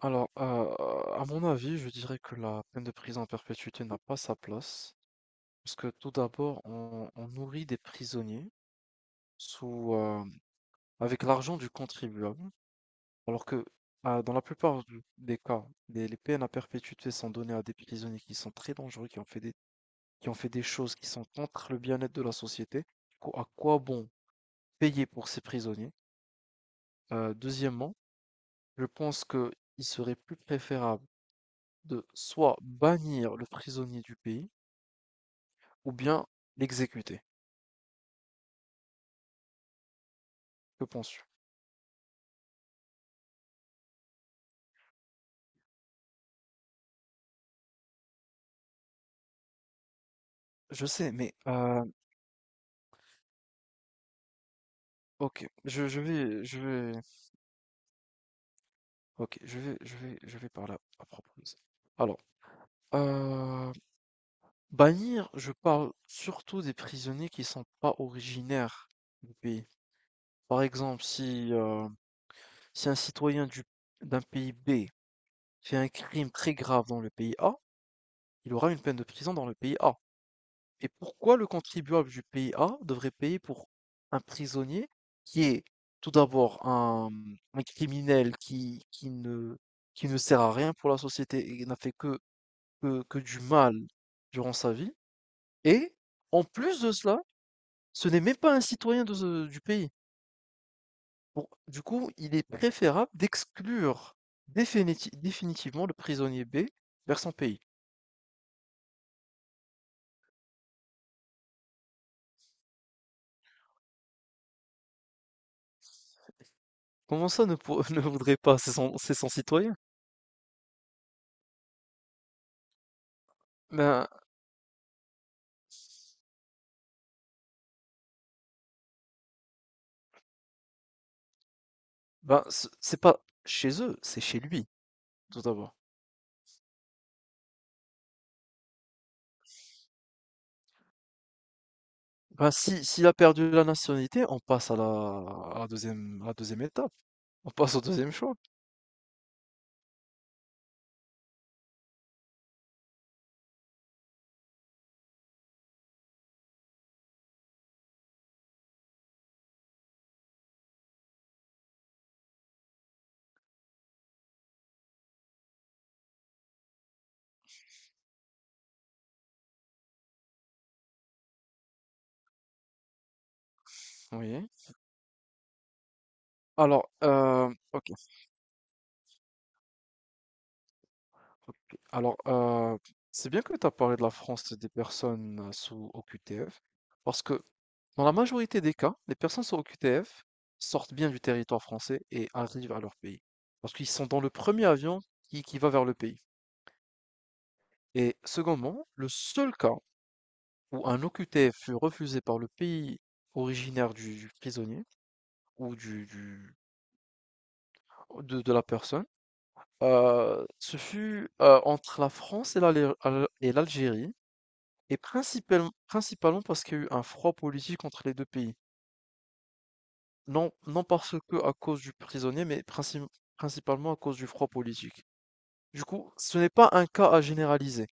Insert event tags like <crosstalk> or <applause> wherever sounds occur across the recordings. Alors, à mon avis, je dirais que la peine de prison à perpétuité n'a pas sa place, parce que tout d'abord, on nourrit des prisonniers sous, euh, avec l'argent du contribuable, alors que dans la plupart des cas, les peines à perpétuité sont données à des prisonniers qui sont très dangereux, qui ont fait des choses qui sont contre le bien-être de la société. Du coup, à quoi bon payer pour ces prisonniers? Deuxièmement, je pense qu'il serait plus préférable de soit bannir le prisonnier du pays, ou bien l'exécuter. Que penses-tu? Je sais, mais ok, ok, je vais par là à propos de ça. Alors, euh, bannir, je parle surtout des prisonniers qui sont pas originaires du pays. Par exemple, si un citoyen d'un pays B fait un crime très grave dans le pays A, il aura une peine de prison dans le pays A. Et pourquoi le contribuable du pays A devrait payer pour un prisonnier qui est tout d'abord un criminel qui ne sert à rien pour la société et n'a fait que du mal durant sa vie. Et en plus de cela, ce n'est même pas un citoyen de du pays. Du coup, il est préférable d'exclure définitivement le prisonnier B vers son pays. Comment ça ne, pour- <laughs> ne voudrait pas? C'est son citoyen. Ben, Ben, c'est pas chez eux, c'est chez lui, tout d'abord. Ben, si s'il a perdu la nationalité, on passe à la à la 2 2 étape. On passe au deuxième choix. Oui. Alors, OK, OK. Alors, c'est bien que tu as parlé de la France des personnes sous OQTF, parce que dans la majorité des cas, les personnes sous OQTF sortent bien du territoire français et arrivent à leur pays. Parce qu'ils sont dans le premier avion qui va vers le pays et secondement, le seul cas où un OQTF fut refusé par le pays originaire du prisonnier ou de la personne, ce fut entre la France et l'Algérie, et principalement, principalement parce qu'il y a eu un froid politique entre les deux pays. Non, non parce que à cause du prisonnier, mais principalement à cause du froid politique. Du coup, ce n'est pas un cas à généraliser.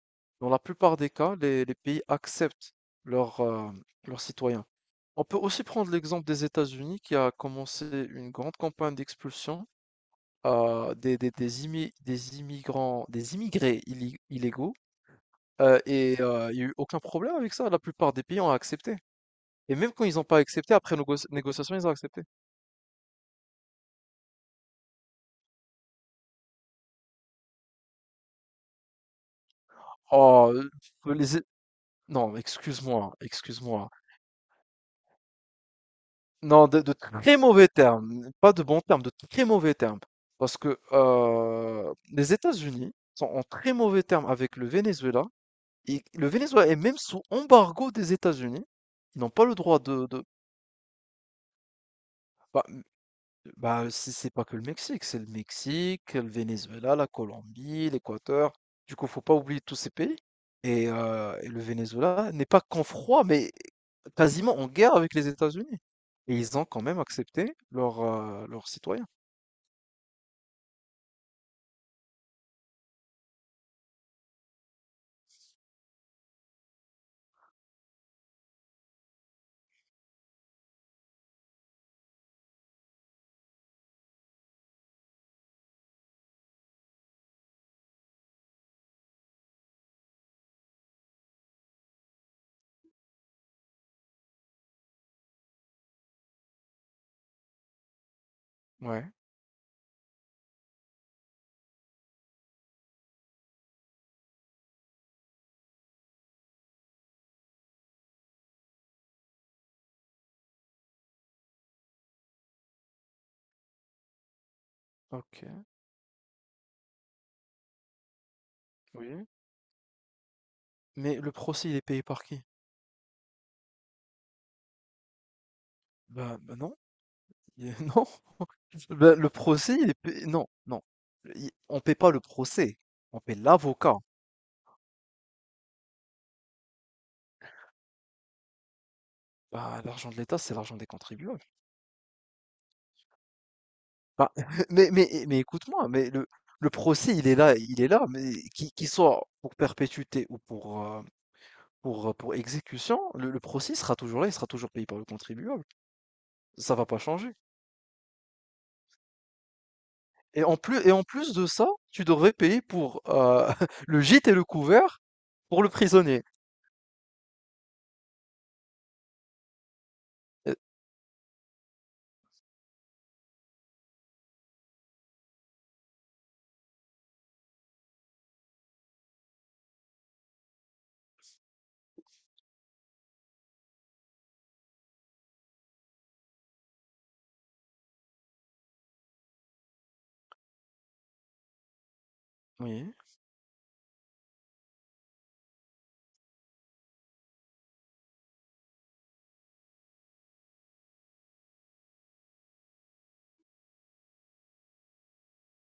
Dans la plupart des cas, les pays acceptent leurs euh, leurs citoyens. On peut aussi prendre l'exemple des États-Unis qui a commencé une grande campagne d'expulsion des immigrants, des immigrés illégaux et il n'y a eu aucun problème avec ça. La plupart des pays ont accepté. Et même quand ils n'ont pas accepté, après négociation, ils ont accepté. Oh, euh, les... É- Non, excuse-moi, excuse-moi. Non, de très mauvais termes, pas de bons termes, de très mauvais termes. Parce que les États-Unis sont en très mauvais termes avec le Venezuela. Et le Venezuela est même sous embargo des États-Unis. Ils n'ont pas le droit. Bah, bah, c'est pas que le Mexique, c'est le Mexique, le Venezuela, la Colombie, l'Équateur. Du coup, faut pas oublier tous ces pays. Et le Venezuela n'est pas qu'en froid, mais quasiment en guerre avec les États-Unis. Et ils ont quand même accepté leurs citoyens. Ouais, ok, oui. Mais le procès, il est payé par qui? Bah, non. Il est- <laughs> Non, le procès, il est payé-. Non, non. On paie pas le procès, on paie l'avocat. Bah, l'argent de l'État, c'est l'argent des contribuables. Bah, <laughs> mais écoute-moi, mais le procès, il est là, mais qu'il soit pour perpétuité ou pour exécution, le procès sera toujours là, il sera toujours payé par le contribuable. Ça va pas changer. Et en plus de ça, tu devrais payer pour <laughs> le gîte et le couvert pour le prisonnier. Euh, Oui.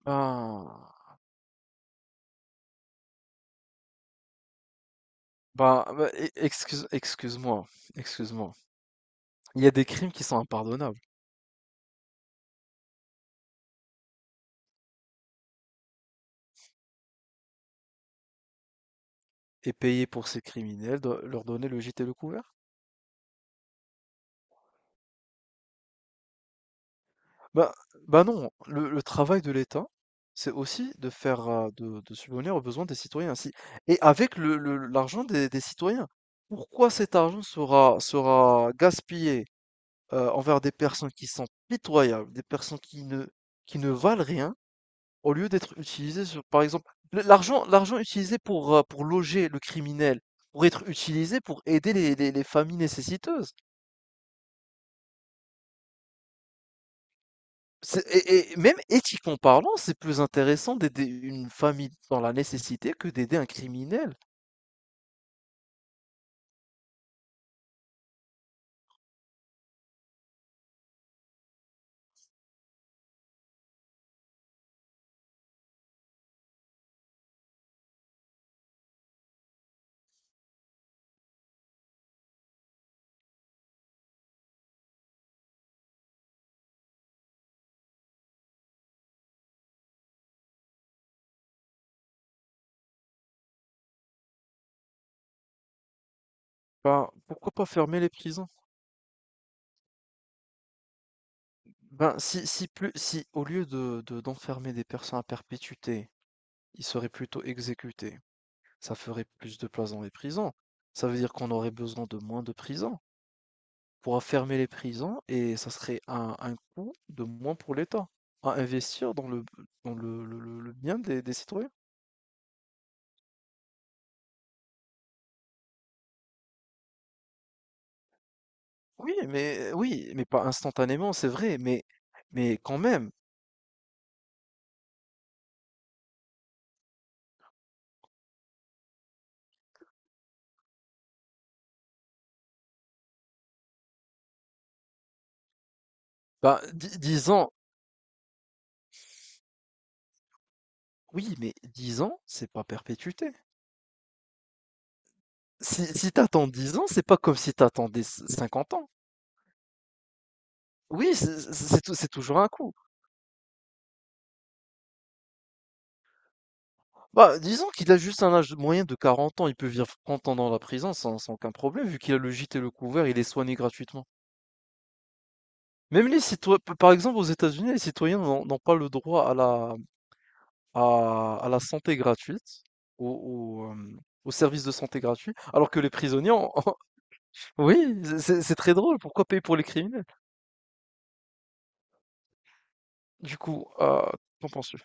Ah. Ben, bah, e excuse-moi, excuse-moi. Il y a des crimes qui sont impardonnables et payer pour ces criminels, leur donner le gîte et le couvert? Bah, bah, non, le travail de l'État, c'est aussi de faire de subvenir aux besoins des citoyens ainsi et avec l'argent des citoyens. Pourquoi cet argent sera gaspillé envers des personnes qui sont pitoyables, des personnes qui ne valent rien? Au lieu d'être utilisé sur, par exemple, le l'argent l'argent utilisé pour loger le criminel, pourrait être utilisé pour aider les familles nécessiteuses. C'est et même éthiquement parlant, c'est plus intéressant d'aider une famille dans la nécessité que d'aider un criminel. Ben, pourquoi pas fermer les prisons? Ben, si au lieu de d'enfermer des personnes à perpétuité, ils seraient plutôt exécutés, ça ferait plus de place dans les prisons. Ça veut dire qu'on aurait besoin de moins de prisons pour enfermer les prisons et ça serait un coût de moins pour l'État à investir dans le bien des citoyens. Oui, mais pas instantanément, c'est vrai, mais quand même, bah, 10 ans, oui, mais 10 ans, c'est pas perpétuité. Si, si t'attends dix ans, c'est pas comme si t'attendais 50 ans. Oui, c'est toujours un coup. Bah, disons qu'il a juste un âge moyen de 40 ans, il peut vivre 30 ans dans la prison sans aucun problème, vu qu'il a le gîte et le couvert, il est soigné gratuitement. Même les citoyens, par exemple, aux États-Unis, les citoyens n'ont pas le droit à la santé gratuite, au, au, euh, au service de santé gratuit, alors que les prisonniers ont... <laughs> Oui, c'est très drôle, pourquoi payer pour les criminels? Du coup, qu'en penses-tu?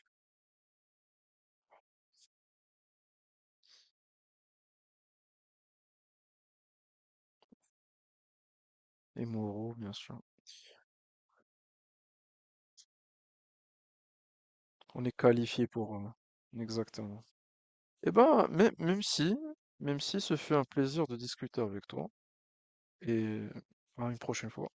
Et moraux, bien sûr. On est qualifié pour... Exactement. Eh ben, même si ce fut un plaisir de discuter avec toi, et à une prochaine fois.